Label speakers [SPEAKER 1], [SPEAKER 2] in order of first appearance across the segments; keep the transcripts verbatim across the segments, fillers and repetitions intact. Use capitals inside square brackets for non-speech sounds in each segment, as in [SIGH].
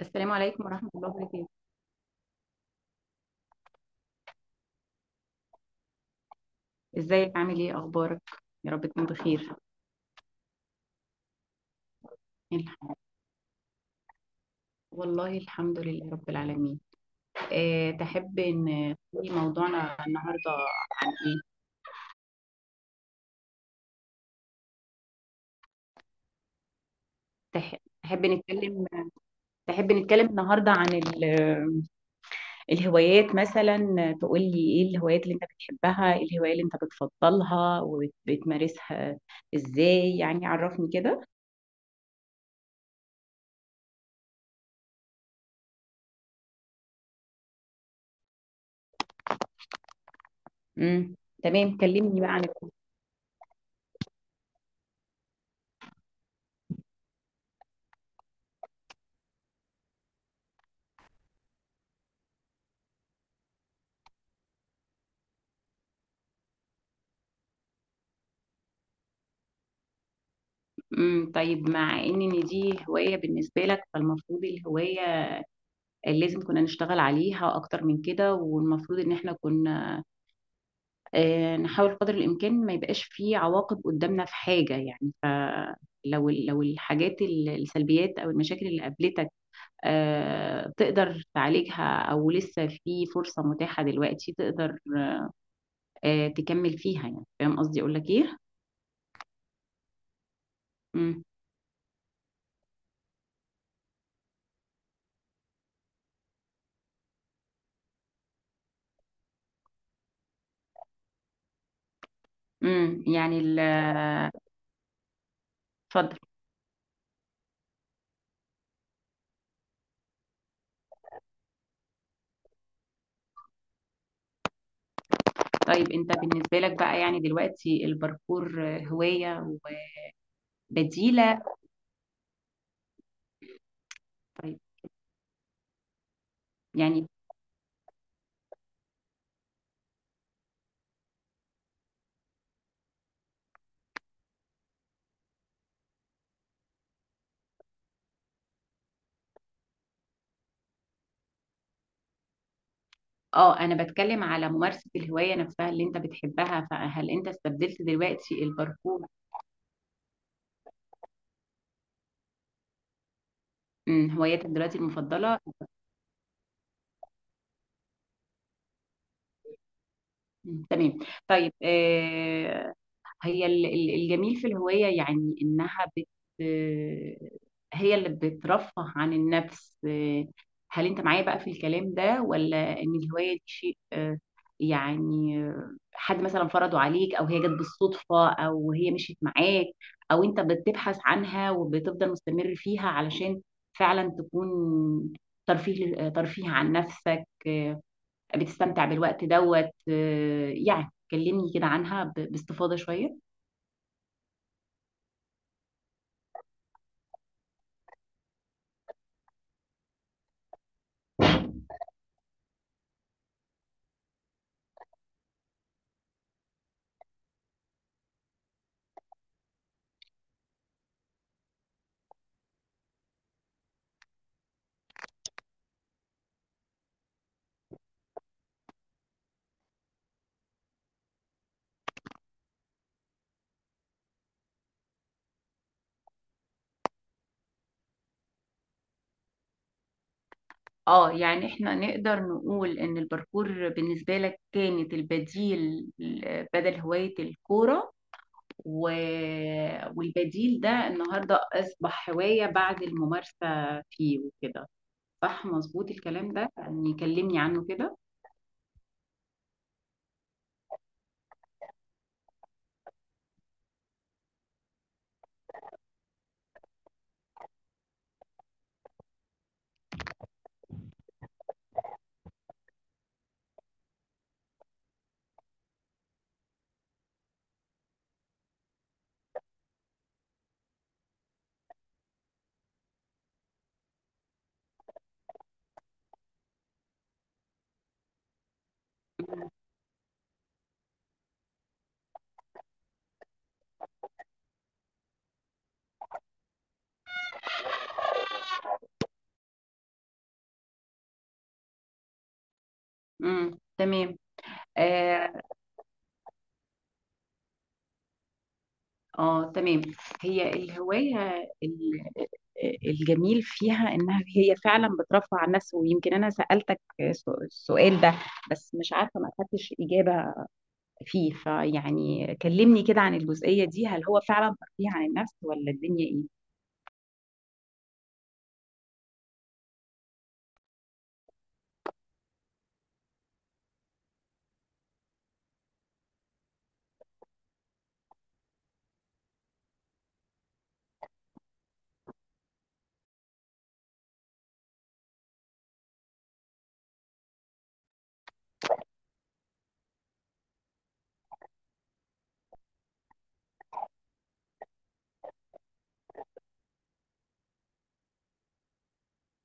[SPEAKER 1] السلام عليكم ورحمة الله وبركاته. ازيك؟ عامل ايه؟ اخبارك؟ يا رب تكون بخير. الحمد- والله، الحمد لله رب العالمين. أه تحب ان تقولي موضوعنا النهاردة عن ايه؟ تح- تحب نتكلم تحب نتكلم النهاردة عن ال- الهوايات مثلا. تقولي ايه الهوايات اللي انت بتحبها؟ ايه الهواية اللي انت بتفضلها وبتمارسها ازاي؟ يعني عرفني كده. امم تمام، كلمني بقى عن. امم طيب، مع ان إن دي هواية بالنسبة لك فالمفروض الهواية لازم كنا نشتغل عليها اكتر من كده، والمفروض ان احنا كنا آه، نحاول قدر الامكان ما يبقاش فيه عواقب قدامنا في حاجة. يعني فلو ال- لو الحاجات، ال- السلبيات او المشاكل اللي قابلتك آه، تقدر تعالجها او لسه في فرصة متاحة دلوقتي تقدر آه، تكمل فيها. يعني فاهم قصدي اقول لك ايه؟ امم امم يعني ال- اتفضل. طيب، أنت بالنسبة لك بقى يعني دلوقتي الباركور هواية وبديلة؟ طيب. يعني اه، انا بتكلم على ممارسة الهواية نفسها اللي انت بتحبها، فهل انت استبدلت دلوقتي الباركور؟ مم، هوايتك دلوقتي المفضلة؟ مم، تمام. طيب، آه هي ال- ال- الجميل في الهواية يعني إنها بت هي اللي بترفه عن النفس. هل أنت معايا بقى في الكلام ده، ولا إن الهواية دي شيء آه، يعني آه، حد مثلا فرضه عليك، أو هي جت بالصدفة، أو هي مشيت معاك، أو أنت بتبحث عنها وبتفضل مستمر فيها علشان فعلا تكون ترفيه، ترفيه عن نفسك؟ آه، بتستمتع بالوقت دوت. آه، يعني كلمني كده عنها ب- باستفاضة شوية. اه، يعني احنا نقدر نقول ان الباركور بالنسبة لك كانت البديل بدل هواية الكورة، و... والبديل ده النهاردة اصبح هواية بعد الممارسة فيه وكده. صح مظبوط الكلام ده؟ يعني كلمني عنه كده. امم تمام. اه. آه، تمام. هي الهواية، ال- الجميل فيها انها هي فعلا بترفع عن النفس. ويمكن انا سألتك السؤ- السؤال ده بس مش عارفة ما اخدتش إجابة فيه. فيعني كلمني كده عن الجزئية دي، هل هو فعلا ترفيه عن النفس ولا الدنيا ايه؟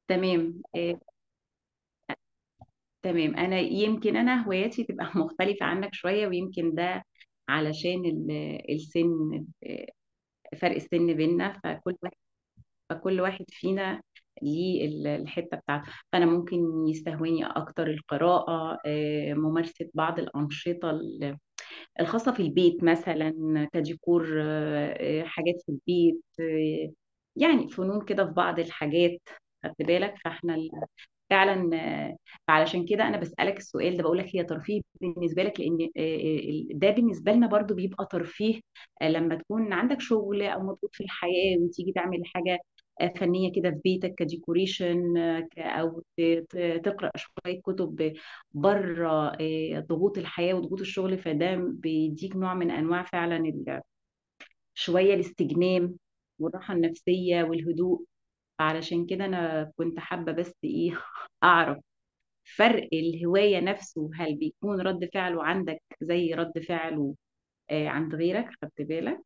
[SPEAKER 1] تمام. آه، تمام، انا يمكن انا هواياتي تبقى [LAUGHS] مختلفة عنك شوية. ويمكن ده علشان ال- السن، فرق السن بيننا. فكل واحد فكل واحد فينا ليه ال- الحتة بتاعته. فأنا ممكن يستهويني أكتر القراءة، آه، ممارسة بعض الأنشطة الخاصة في البيت مثلا كديكور، آه، آه، حاجات في البيت. آه، يعني فنون كده في بعض الحاجات. خدت بالك؟ فاحنا ال- فعلا. آه، فعلشان كده انا بسألك السؤال ده، بقول لك هي ترفيه بالنسبة لك؟ لان آه، آه، ده بالنسبة لنا برضو بيبقى ترفيه. آه، لما تكون عندك شغل او مضغوط في الحياة وتيجي تعمل حاجة آه، فنية كده في بيتك كديكوريشن، آه، ك- او ت- ت- تقرأ شوية كتب بره آه، ضغوط الحياة وضغوط الشغل، فده بيديك نوع من أنواع فعلا ال- شوية الاستجمام والراحة النفسية والهدوء. علشان كده أنا كنت حابة بس إيه [LAUGHS] أعرف فرق الهواية نفسه، هل بيكون رد فعله عندك زي رد فعله آه، عند غيرك؟ خدت بالك؟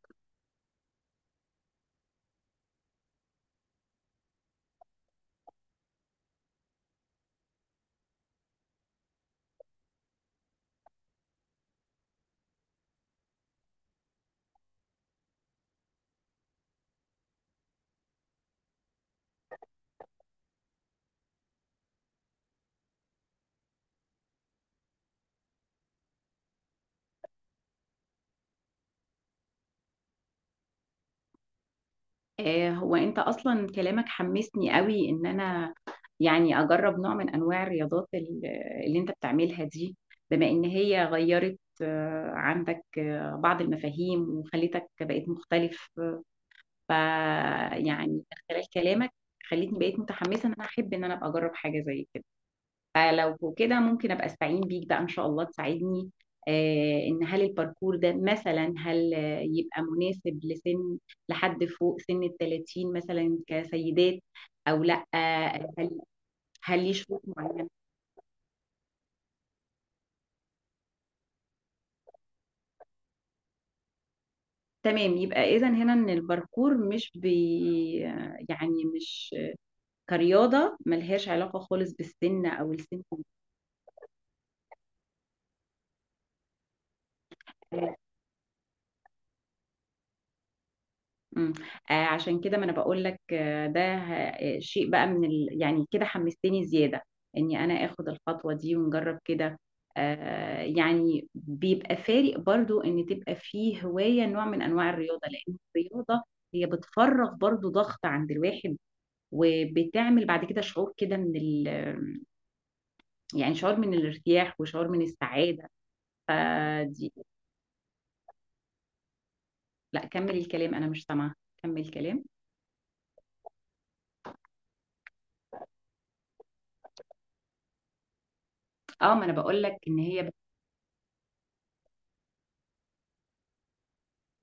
[SPEAKER 1] آه، هو انت اصلا كلامك حمسني قوي ان انا يعني اجرب نوع من انواع الرياضات ال- اللي انت بتعملها دي. بما ان هي غيرت آه، عندك آه، بعض المفاهيم وخلتك بقيت مختلف. ف يعني خلال كلامك خلتني بقيت متحمسة ان انا احب ان انا ابقى اجرب حاجة زي كده. فلو كده ممكن ابقى استعين بيك بقى ان شاء الله تساعدني آه، ان هل الباركور ده مثلا هل آه، يبقى مناسب لسن، لحد فوق سن ال ثلاثين مثلا كسيدات او لا؟ آه، هل هل ليه شروط معينه؟ تمام، يبقى اذا هنا ان الباركور مش بي يعني مش كرياضه ملهاش علاقه خالص بالسن او السن. مم. آه، عشان كده ما انا بقول لك آه ده آه، شيء بقى من ال... يعني كده حمستني زيادة اني انا اخد الخطوة دي ونجرب كده. آه، يعني بيبقى فارق برضو ان تبقى فيه هواية، نوع من انواع الرياضة. لان الرياضة هي بتفرغ برضو ضغط عند الواحد، وبتعمل بعد كده شعور كده من ال... يعني شعور من الارتياح وشعور من السعادة. فدي. لا، كمل الكلام، انا مش سامعة. كمل الكلام. اه، ما انا بقول لك ان هي.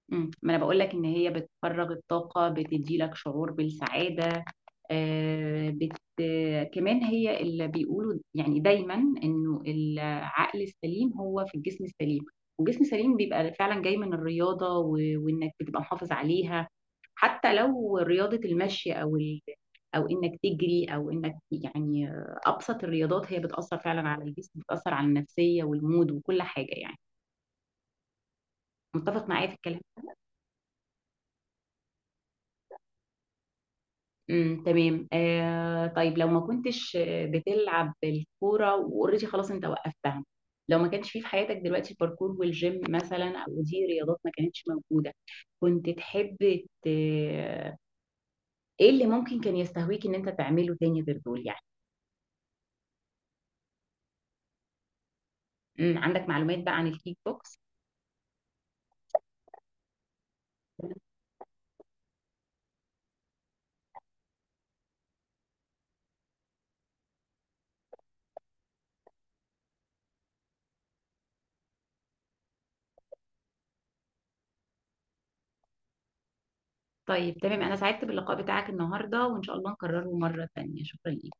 [SPEAKER 1] مم. ما انا بقول لك ان هي بتفرغ الطاقه، بتدي لك شعور بالسعاده. آه بت... آه، كمان هي اللي بيقولوا يعني دايما انه العقل السليم هو في الجسم السليم. والجسم السليم بيبقى فعلا جاي من الرياضه، و... وانك بتبقى محافظ عليها حتى لو رياضه المشي او ال... او انك تجري او انك يعني آه، ابسط الرياضات هي بتاثر فعلا على الجسم، بتاثر على النفسيه والمود وكل حاجه. يعني متفق معايا في الكلام؟ امم تمام. آه، طيب لو ما كنتش آه، بتلعب الكوره واوريدي خلاص انت وقفتها، لو ما كانش فيه في حياتك دلوقتي الباركور والجيم مثلا او دي رياضات ما كانتش موجوده، كنت تحب ت... ايه اللي ممكن كان يستهويك ان انت تعمله تاني غير دول يعني؟ امم عندك معلومات بقى عن الكيك بوكس؟ طيب تمام، انا سعدت باللقاء بتاعك النهارده وان شاء الله نكرره مره تانيه. شكرا ليك.